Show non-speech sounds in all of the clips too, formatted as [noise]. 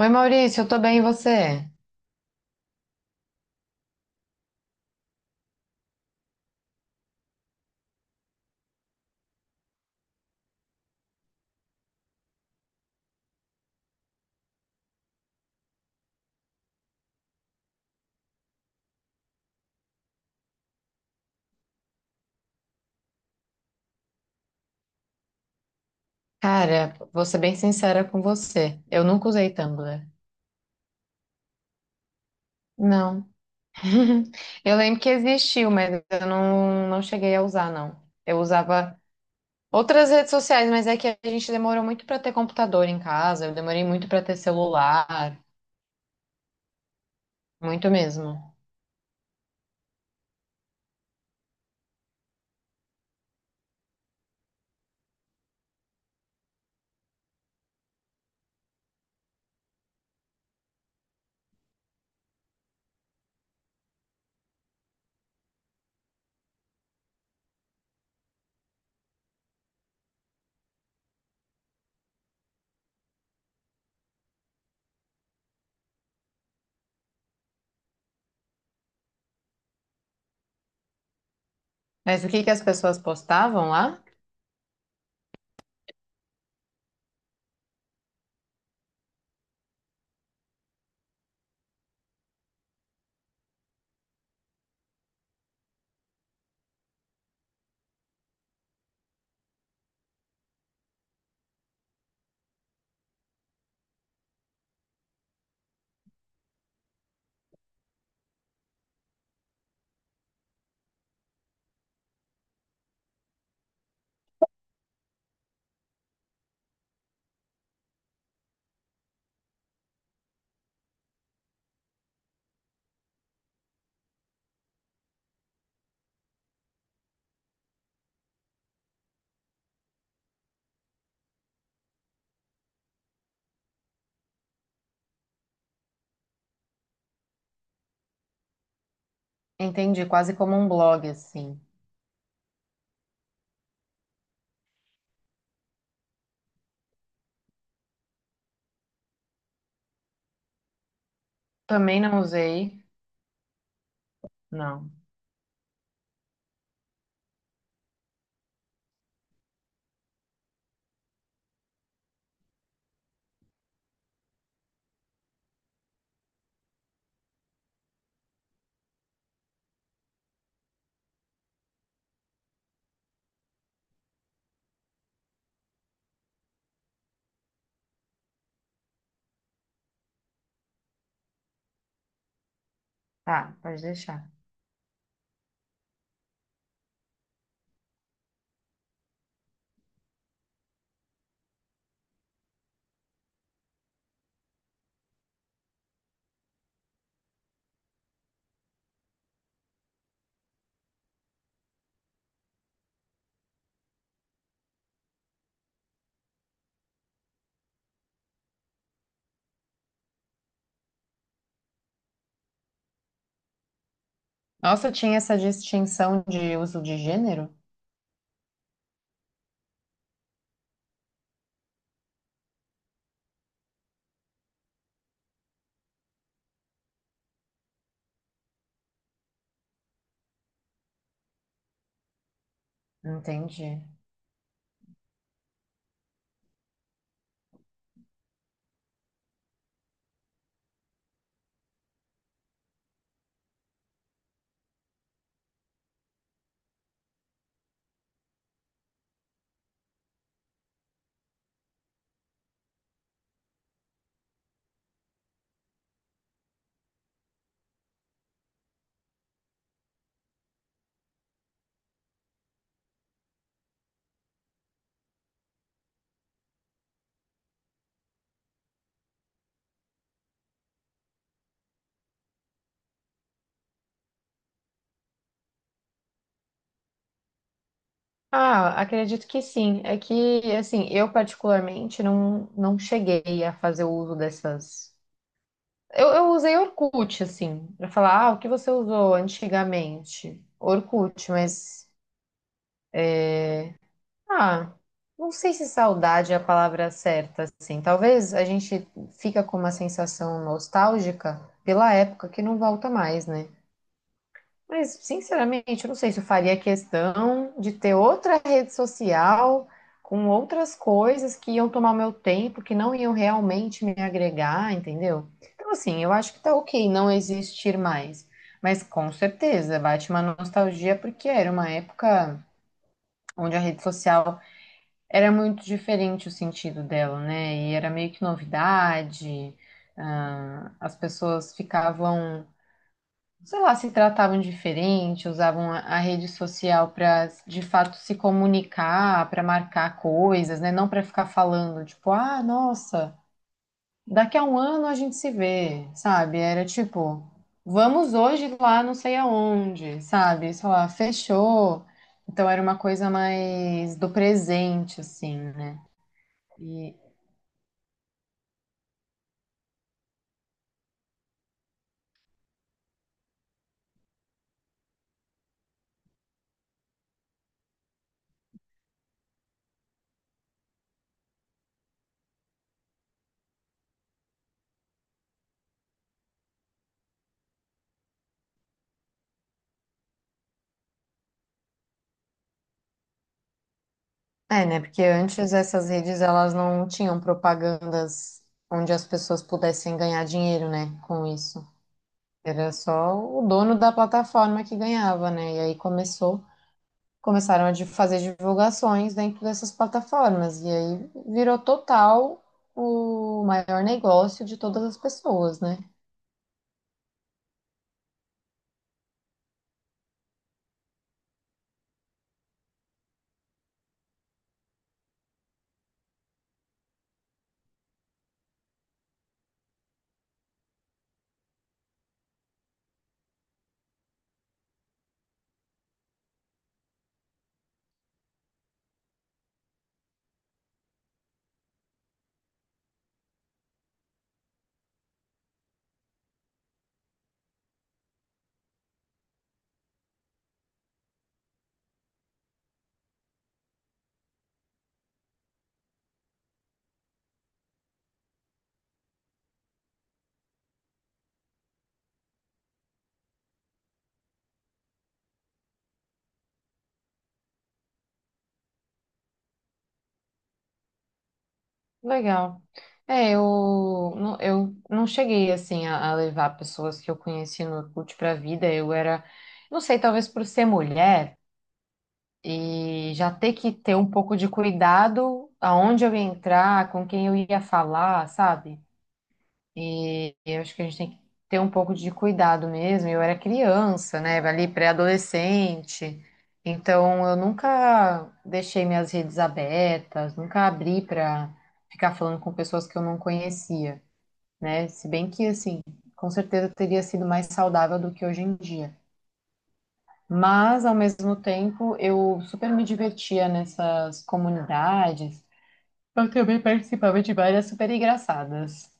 Oi, Maurício, eu tô bem, e você? Cara, vou ser bem sincera com você. Eu nunca usei Tumblr. Não. [laughs] Eu lembro que existiu, mas eu não cheguei a usar, não. Eu usava outras redes sociais, mas é que a gente demorou muito pra ter computador em casa, eu demorei muito pra ter celular, muito mesmo. Mas o que que as pessoas postavam lá? Entendi, quase como um blog, assim. Também não usei, não. Tá, pode deixar. Nossa, tinha essa distinção de uso de gênero? Entendi. Ah, acredito que sim. É que, assim, eu particularmente não cheguei a fazer o uso dessas. Eu usei Orkut, assim, pra falar, ah, o que você usou antigamente? Orkut, mas, ah, não sei se saudade é a palavra certa, assim. Talvez a gente fica com uma sensação nostálgica pela época que não volta mais, né? Mas, sinceramente, eu não sei se eu faria questão de ter outra rede social com outras coisas que iam tomar meu tempo, que não iam realmente me agregar, entendeu? Então, assim, eu acho que tá ok não existir mais. Mas com certeza bate uma nostalgia, porque era uma época onde a rede social era muito diferente o sentido dela, né? E era meio que novidade, ah, as pessoas ficavam sei lá, se tratavam diferente, usavam a rede social para de fato se comunicar, para marcar coisas, né? Não para ficar falando, tipo, ah, nossa, daqui a um ano a gente se vê, sabe? Era tipo, vamos hoje lá não sei aonde, sabe? Sei lá, fechou. Então era uma coisa mais do presente, assim, né? E, é, né? Porque antes essas redes elas não tinham propagandas onde as pessoas pudessem ganhar dinheiro, né, com isso. Era só o dono da plataforma que ganhava, né? E aí começou, começaram a fazer divulgações dentro dessas plataformas. E aí virou total o maior negócio de todas as pessoas, né? Legal. É, eu não cheguei assim a levar pessoas que eu conheci no Orkut para a vida. Eu era, não sei, talvez por ser mulher e já ter que ter um pouco de cuidado aonde eu ia entrar, com quem eu ia falar, sabe? E eu acho que a gente tem que ter um pouco de cuidado mesmo. Eu era criança, né? Ali pré-adolescente. Então eu nunca deixei minhas redes abertas, nunca abri para ficar falando com pessoas que eu não conhecia, né? Se bem que assim, com certeza teria sido mais saudável do que hoje em dia. Mas ao mesmo tempo, eu super me divertia nessas comunidades. Eu também participava de várias super engraçadas.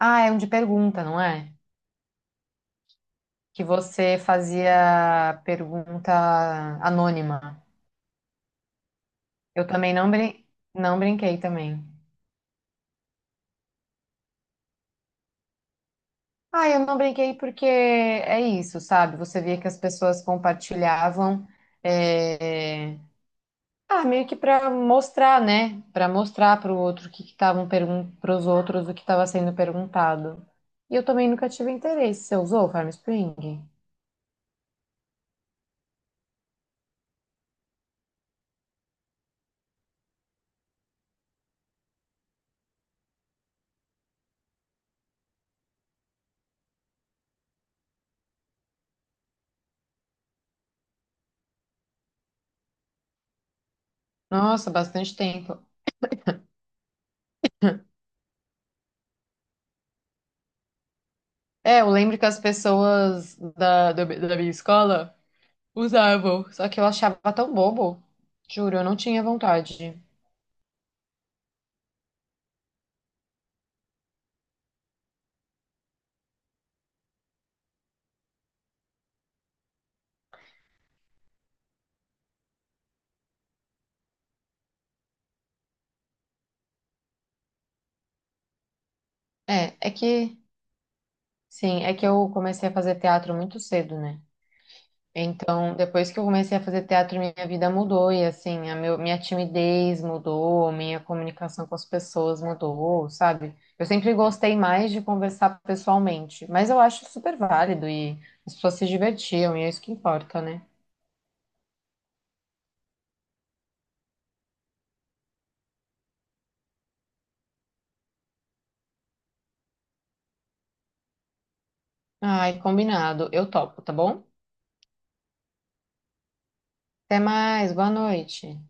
Ah, é um de pergunta, não é? Que você fazia pergunta anônima. Eu também não, brin não brinquei também. Ah, eu não brinquei porque é isso, sabe? Você via que as pessoas compartilhavam, é, ah, meio que para mostrar, né? Para mostrar para o outro o que estavam perguntando para os outros o que estava sendo perguntado. E eu também nunca tive interesse. Você usou o Farm Spring? Nossa, bastante tempo. É, eu lembro que as pessoas da minha escola usavam. Só que eu achava tão bobo. Juro, eu não tinha vontade. É, é que, sim, é que eu comecei a fazer teatro muito cedo, né? Então, depois que eu comecei a fazer teatro, minha vida mudou e, assim, minha timidez mudou, minha comunicação com as pessoas mudou, sabe? Eu sempre gostei mais de conversar pessoalmente, mas eu acho super válido e as pessoas se divertiam e é isso que importa, né? Ai, combinado. Eu topo, tá bom? Até mais, boa noite.